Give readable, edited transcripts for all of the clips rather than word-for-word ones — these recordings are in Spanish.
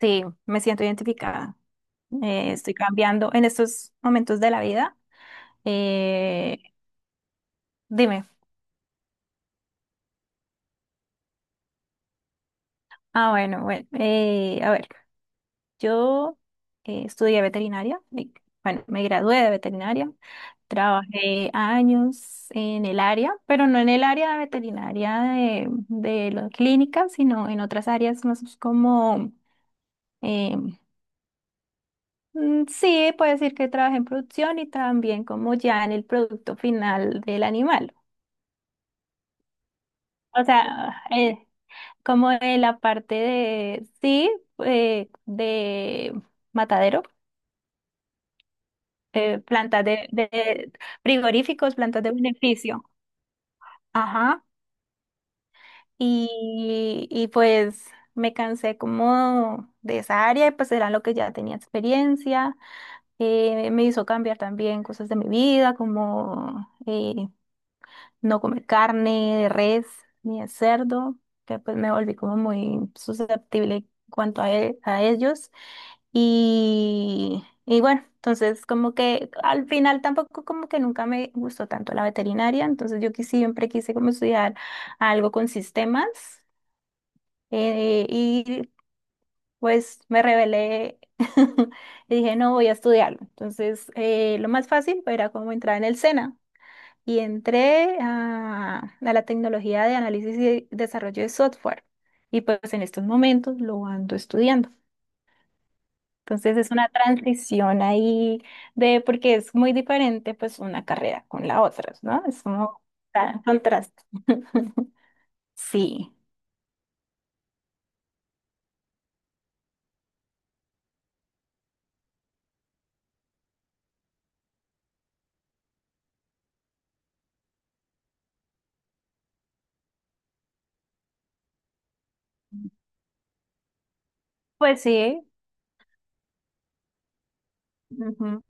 Sí, me siento identificada. Estoy cambiando en estos momentos de la vida. Eh, dime. Ah, bueno, bueno. A ver, yo estudié veterinaria. Y, bueno, me gradué de veterinaria. Trabajé años en el área, pero no en el área de veterinaria de la clínica, sino en otras áreas más como, eh, mm, sí, puedo decir que trabajé en producción y también como ya en el producto final del animal. O sea, como de la parte de, sí, de matadero, plantas de frigoríficos, plantas de beneficio. Ajá. Y pues me cansé como de esa área y pues era lo que ya tenía experiencia. Me hizo cambiar también cosas de mi vida, como no comer carne de res ni de cerdo, que pues me volví como muy susceptible en cuanto a, a ellos. Y bueno, entonces como que al final tampoco como que nunca me gustó tanto la veterinaria, entonces yo que siempre quise como estudiar algo con sistemas, y pues me rebelé y dije no voy a estudiarlo. Entonces lo más fácil era como entrar en el SENA y entré a la tecnología de análisis y desarrollo de software. Y pues en estos momentos lo ando estudiando. Entonces es una transición ahí de, porque es muy diferente pues una carrera con la otra, ¿no? Es como tan contraste. Sí, pues sí. Ujú.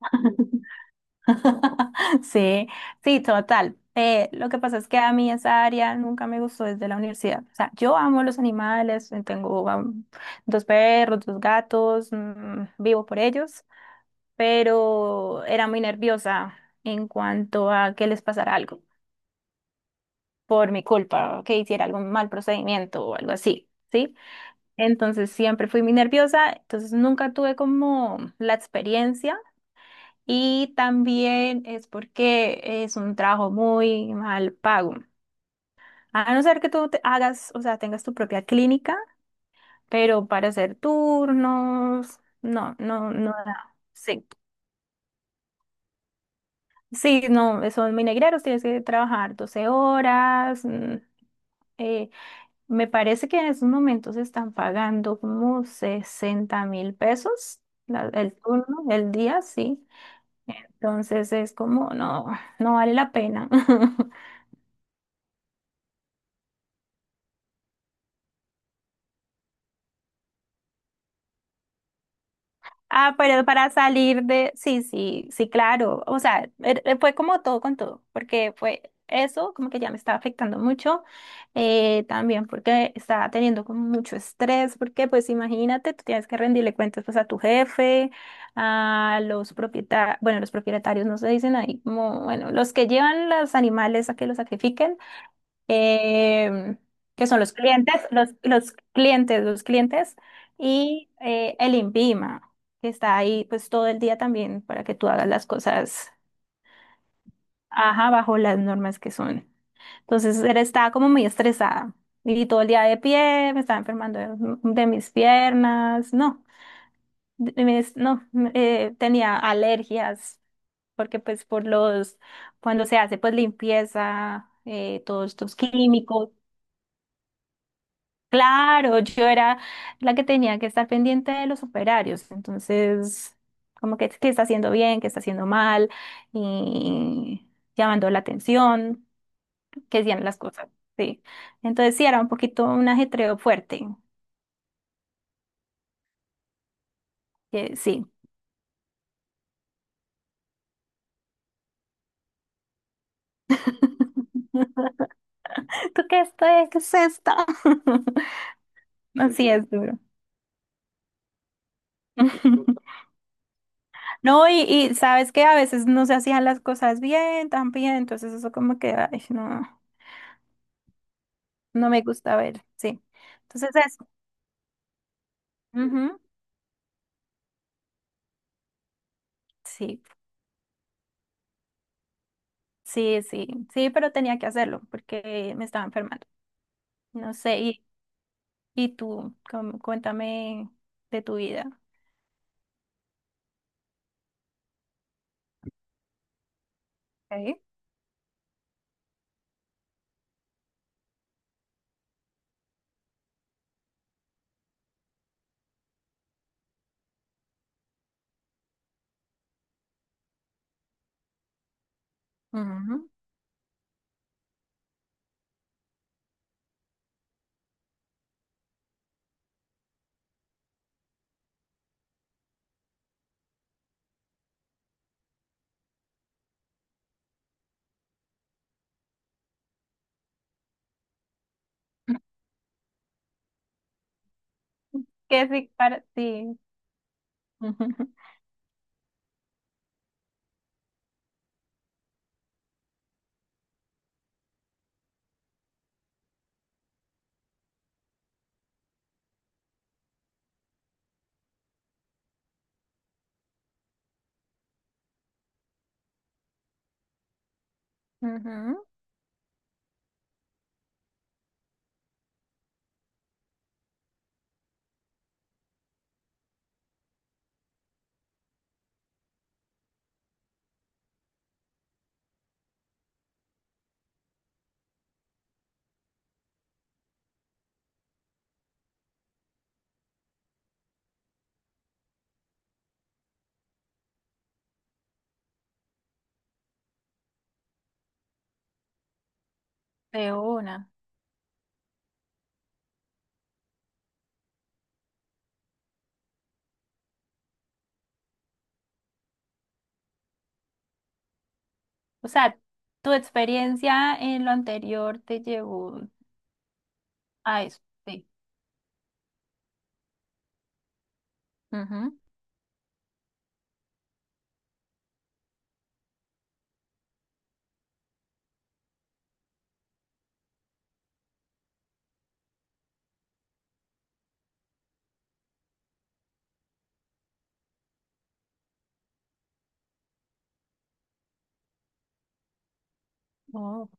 Sí, sí, total. Lo que pasa es que a mí esa área nunca me gustó desde la universidad. O sea, yo amo los animales, tengo dos perros, dos gatos, mm, vivo por ellos, pero era muy nerviosa en cuanto a que les pasara algo por mi culpa, o que hiciera algún mal procedimiento o algo así, ¿sí? Entonces siempre fui muy nerviosa, entonces nunca tuve como la experiencia y también es porque es un trabajo muy mal pago. A no ser que tú te hagas, o sea, tengas tu propia clínica, pero para hacer turnos, no, no, no da. Sí, sí, no, son muy negreros, tienes que trabajar 12 horas. Eh, Me parece que en estos momentos están pagando como $60,000 el turno, el día, sí. Entonces es como, no, no vale la pena. Ah, pero para salir de, sí, sí, sí, claro. O sea, fue como todo con todo, porque fue eso, como que ya me estaba afectando mucho, también porque estaba teniendo como mucho estrés, porque pues imagínate, tú tienes que rendirle cuentas pues a tu jefe, a los propietarios, bueno, los propietarios no se dicen ahí, como, bueno, los que llevan los animales a que los sacrifiquen, em, que son los clientes, los clientes, los clientes, y el INVIMA, que está ahí pues todo el día también para que tú hagas las cosas, ajá, bajo las normas que son. Entonces era, estaba como muy estresada y todo el día de pie, me estaba enfermando de mis piernas, no, no, tenía alergias, porque pues por los, cuando se hace pues limpieza, todos estos químicos. Claro, yo era la que tenía que estar pendiente de los operarios, entonces, como que qué está haciendo bien, qué está haciendo mal, y llamando la atención, que hacían las cosas, sí. Entonces sí, era un poquito un ajetreo fuerte, que sí. ¿Tú qué esto es? ¿Qué es esto? Así es duro. No, y sabes que a veces no se hacían las cosas bien, también, entonces eso como que, ay, no, no me gusta ver, sí. Entonces eso. Sí, sí, sí, sí, pero tenía que hacerlo porque me estaba enfermando. No sé, y tú, cuéntame de tu vida. Ok. Ujú. ¿Qué sí para ti? Ujú, ujú, de una. O sea, tu experiencia en lo anterior te llevó a eso. Sí. Ujú. Oh,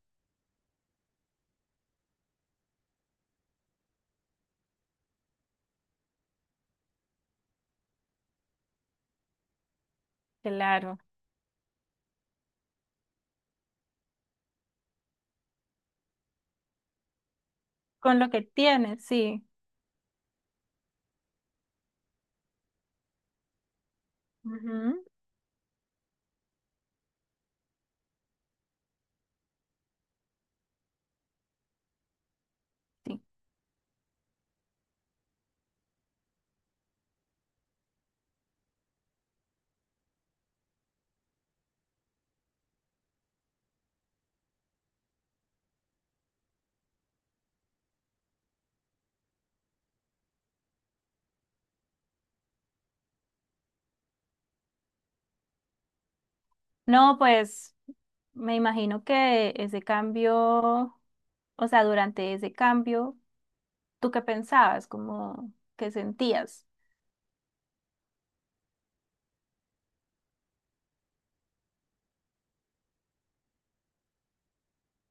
claro. Con lo que tienes, sí. Ujú, sí. No, pues me imagino que ese cambio. O sea, durante ese cambio, ¿tú qué pensabas? ¿Cómo qué sentías?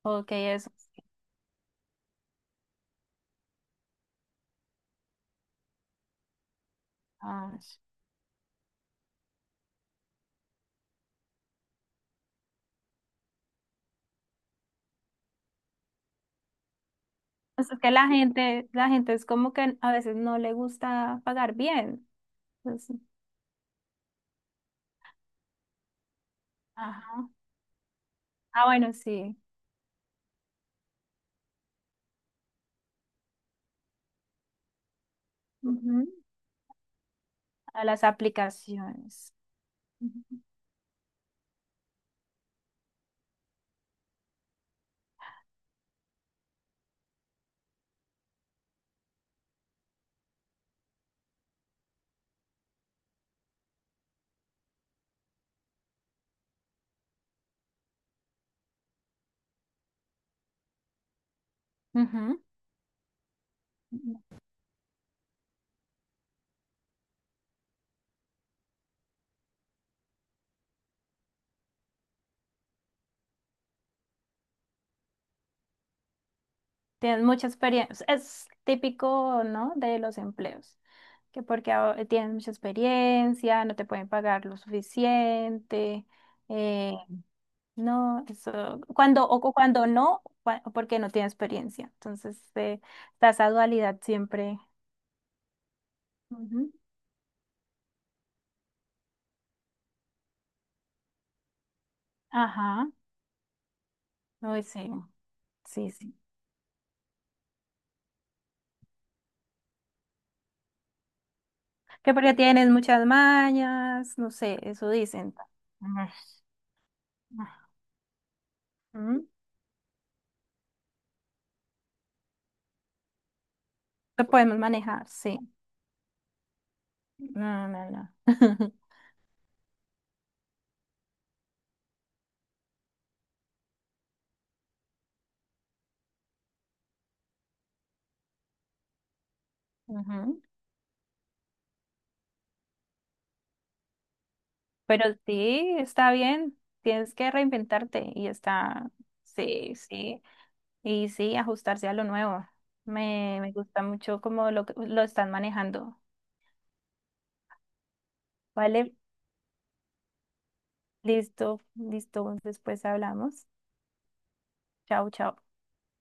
¿O qué es? Ay, pues es que la gente es como que a veces no le gusta pagar bien. Entonces, ajá. Ah, bueno, sí. Ujú. A las aplicaciones. Ujú. Ujú. Tienen mucha experiencia. Es típico, ¿no? De los empleos. Que porque ah, tienes mucha experiencia, no te pueden pagar lo suficiente. eh, No, eso, cuando, o cuando no, porque no tiene experiencia. Entonces, está esa dualidad siempre. Ujú. Ajá, no, sí, sí, sí. Que porque tienes muchas mañas, no sé, eso dicen. Ujú. Ujú. Lo podemos manejar, sí. No, no, no. Ujú. Pero sí, está bien, tienes que reinventarte y está, sí, sí. Y sí, ajustarse a lo nuevo. Me gusta mucho cómo lo están manejando. Vale, listo, listo. Después hablamos. Chao, chao.